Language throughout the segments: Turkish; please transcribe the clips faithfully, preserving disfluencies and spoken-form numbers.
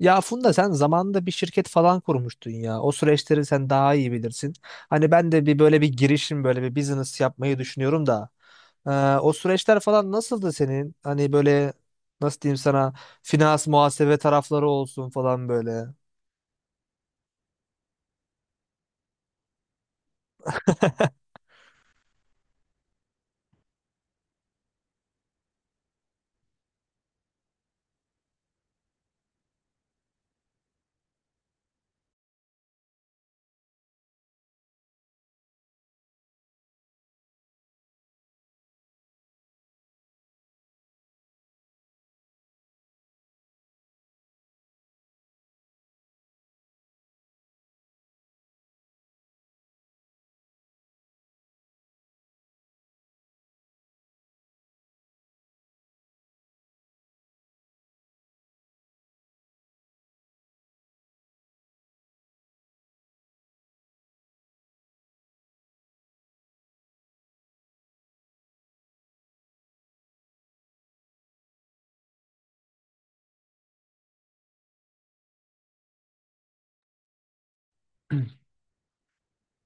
Ya Funda, sen zamanında bir şirket falan kurmuştun ya. O süreçleri sen daha iyi bilirsin. Hani ben de bir böyle bir girişim, böyle bir business yapmayı düşünüyorum da. Ee, O süreçler falan nasıldı senin? Hani böyle nasıl diyeyim sana, finans muhasebe tarafları olsun falan böyle.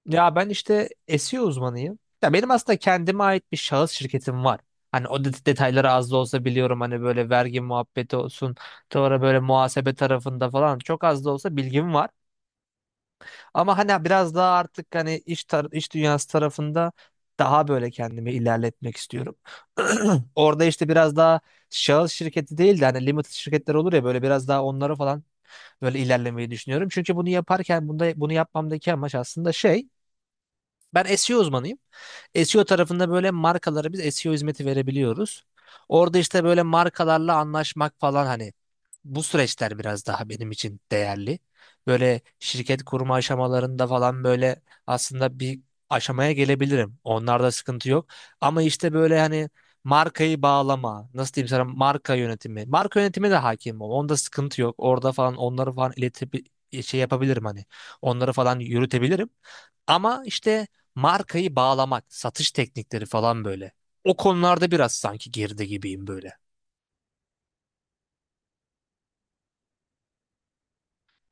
Ya ben işte S E O uzmanıyım. Ya benim aslında kendime ait bir şahıs şirketim var. Hani o det- detayları az da olsa biliyorum, hani böyle vergi muhabbeti olsun, sonra böyle muhasebe tarafında falan çok az da olsa bilgim var. Ama hani biraz daha artık hani iş tar- iş dünyası tarafında daha böyle kendimi ilerletmek istiyorum. Orada işte biraz daha şahıs şirketi değil de hani limited şirketler olur ya, böyle biraz daha onlara falan böyle ilerlemeyi düşünüyorum. Çünkü bunu yaparken bunda bunu yapmamdaki amaç aslında şey, ben S E O uzmanıyım. S E O tarafında böyle markalara biz S E O hizmeti verebiliyoruz. Orada işte böyle markalarla anlaşmak falan, hani bu süreçler biraz daha benim için değerli. Böyle şirket kurma aşamalarında falan böyle aslında bir aşamaya gelebilirim. Onlarda sıkıntı yok. Ama işte böyle hani markayı bağlama, nasıl diyeyim sana, marka yönetimi. Marka yönetimi de hakim ol. Onda sıkıntı yok. Orada falan onları falan iletip şey yapabilirim hani. Onları falan yürütebilirim. Ama işte markayı bağlamak, satış teknikleri falan böyle. O konularda biraz sanki geride gibiyim böyle.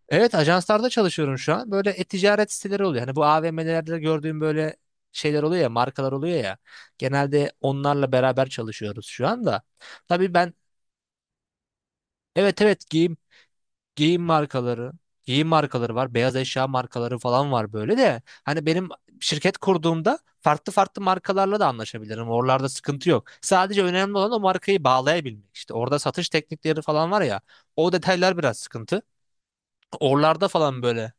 Evet, ajanslarda çalışıyorum şu an. Böyle e-ticaret siteleri oluyor. Hani bu A V M'lerde gördüğüm böyle şeyler oluyor ya, markalar oluyor ya. Genelde onlarla beraber çalışıyoruz şu anda. Tabii ben evet, evet, giyim, giyim markaları, giyim markaları var, beyaz eşya markaları falan var böyle de. Hani benim şirket kurduğumda farklı farklı markalarla da anlaşabilirim. Oralarda sıkıntı yok. Sadece önemli olan o markayı bağlayabilmek. İşte orada satış teknikleri falan var ya. O detaylar biraz sıkıntı. Oralarda falan böyle.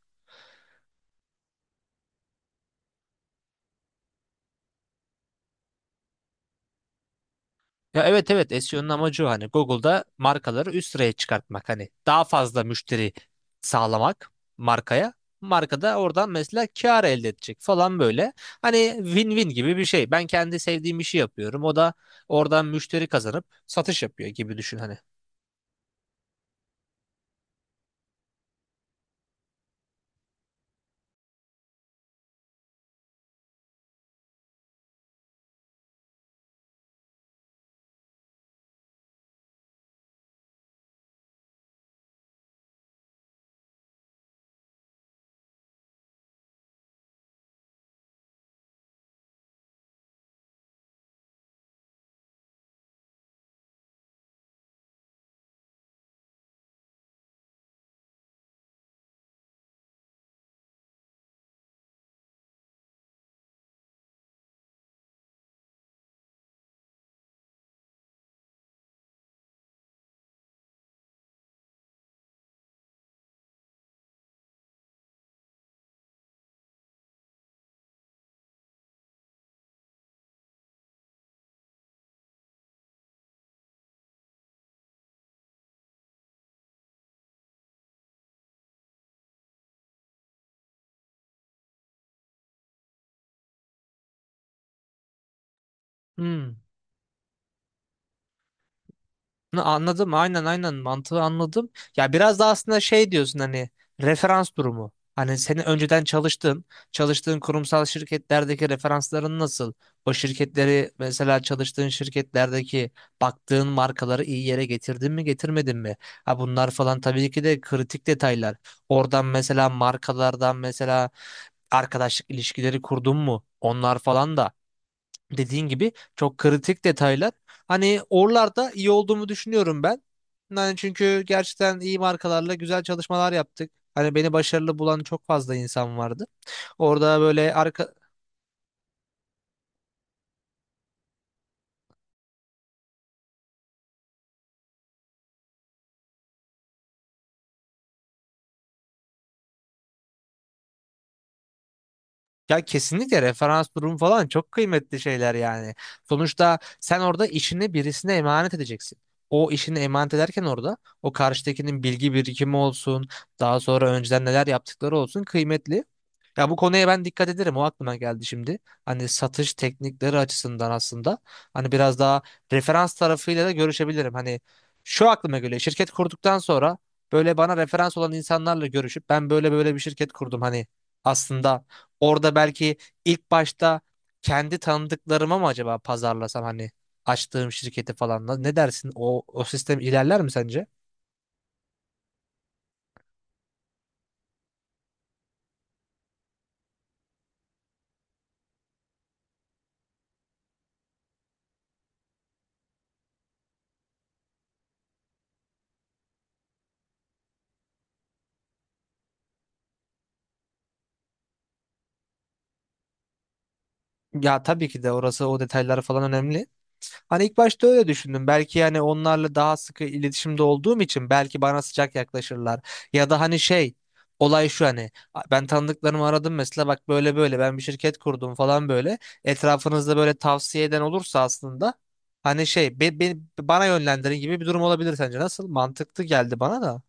Ya evet, evet, S E O'nun amacı o, hani Google'da markaları üst sıraya çıkartmak, hani daha fazla müşteri sağlamak markaya. Marka da oradan mesela kar elde edecek falan böyle. Hani win-win gibi bir şey. Ben kendi sevdiğim işi yapıyorum. O da oradan müşteri kazanıp satış yapıyor gibi düşün hani. Hmm. N- Anladım, aynen, aynen, mantığı anladım. Ya biraz da aslında şey diyorsun hani, referans durumu. Hani senin önceden çalıştığın, çalıştığın kurumsal şirketlerdeki referansların nasıl? O şirketleri mesela, çalıştığın şirketlerdeki baktığın markaları iyi yere getirdin mi, getirmedin mi? Ha, bunlar falan tabii ki de kritik detaylar. Oradan mesela markalardan mesela arkadaşlık ilişkileri kurdun mu? Onlar falan da dediğin gibi çok kritik detaylar. Hani oralarda iyi olduğumu düşünüyorum ben. Yani çünkü gerçekten iyi markalarla güzel çalışmalar yaptık. Hani beni başarılı bulan çok fazla insan vardı. Orada böyle arka. Ya kesinlikle, referans durum falan çok kıymetli şeyler yani. Sonuçta sen orada işini birisine emanet edeceksin. O işini emanet ederken orada o karşıdakinin bilgi birikimi olsun, daha sonra önceden neler yaptıkları olsun, kıymetli. Ya bu konuya ben dikkat ederim. O aklıma geldi şimdi. Hani satış teknikleri açısından aslında hani biraz daha referans tarafıyla da görüşebilirim. Hani şu aklıma göre, şirket kurduktan sonra böyle bana referans olan insanlarla görüşüp, ben böyle böyle bir şirket kurdum hani, aslında orada belki ilk başta kendi tanıdıklarıma mı acaba pazarlasam hani açtığım şirketi falan, ne dersin? O o sistem ilerler mi sence? Ya tabii ki de orası, o detayları falan önemli. Hani ilk başta öyle düşündüm. Belki yani onlarla daha sıkı iletişimde olduğum için belki bana sıcak yaklaşırlar. Ya da hani şey, olay şu hani, ben tanıdıklarımı aradım mesela, bak böyle böyle ben bir şirket kurdum falan böyle. Etrafınızda böyle tavsiye eden olursa aslında hani şey, be, beni- bana yönlendirin gibi bir durum olabilir, sence nasıl? Mantıklı geldi bana da.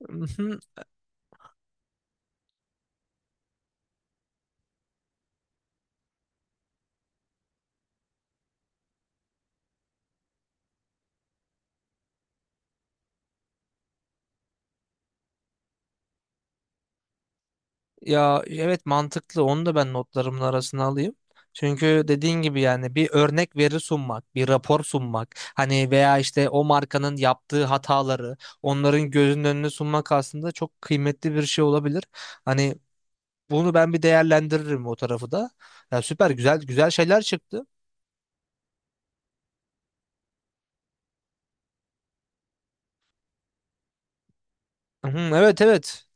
Ya evet, mantıklı, onu da ben notlarımın arasına alayım. Çünkü dediğin gibi yani bir örnek veri sunmak, bir rapor sunmak, hani veya işte o markanın yaptığı hataları onların gözünün önüne sunmak aslında çok kıymetli bir şey olabilir. Hani bunu ben bir değerlendiririm o tarafı da. Ya süper, güzel güzel şeyler çıktı. Hı, evet, evet.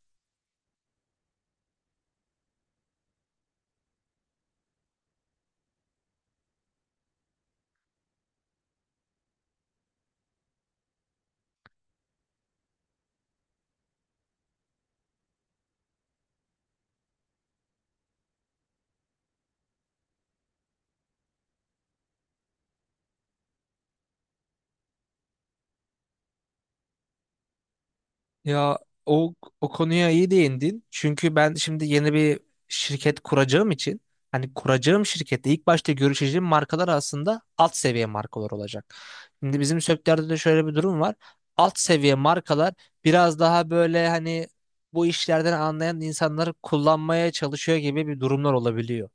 Ya o, o konuya iyi değindin. Çünkü ben şimdi yeni bir şirket kuracağım için hani kuracağım şirkette ilk başta görüşeceğim markalar aslında alt seviye markalar olacak. Şimdi bizim sektörde de şöyle bir durum var. Alt seviye markalar biraz daha böyle hani bu işlerden anlayan insanları kullanmaya çalışıyor gibi bir durumlar olabiliyor.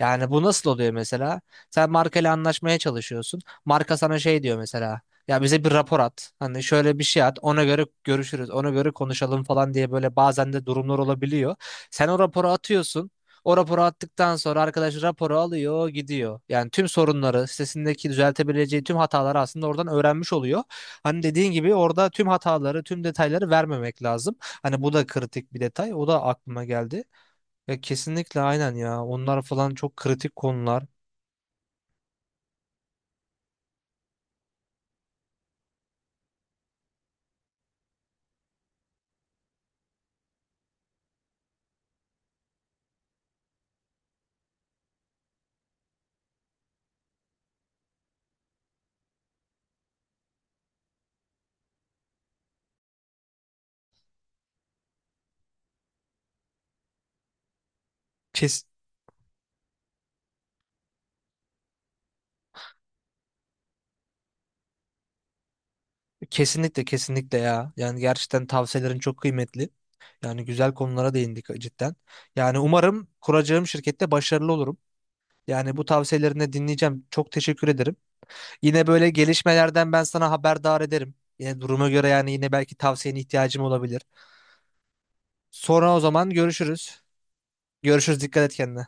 Yani bu nasıl oluyor mesela? Sen markayla anlaşmaya çalışıyorsun. Marka sana şey diyor mesela. Ya bize bir rapor at. Hani şöyle bir şey at. Ona göre görüşürüz. Ona göre konuşalım falan diye böyle bazen de durumlar olabiliyor. Sen o raporu atıyorsun. O raporu attıktan sonra arkadaş raporu alıyor, gidiyor. Yani tüm sorunları, sitesindeki düzeltebileceği tüm hataları aslında oradan öğrenmiş oluyor. Hani dediğin gibi orada tüm hataları, tüm detayları vermemek lazım. Hani bu da kritik bir detay. O da aklıma geldi. Ya kesinlikle, aynen ya. Onlar falan çok kritik konular. Kes, Kesinlikle, kesinlikle ya. Yani gerçekten tavsiyelerin çok kıymetli. Yani güzel konulara değindik cidden. Yani umarım kuracağım şirkette başarılı olurum. Yani bu tavsiyelerini de dinleyeceğim. Çok teşekkür ederim. Yine böyle gelişmelerden ben sana haberdar ederim. Yine duruma göre yani, yine belki tavsiyene ihtiyacım olabilir. Sonra o zaman görüşürüz. Görüşürüz. Dikkat et kendine.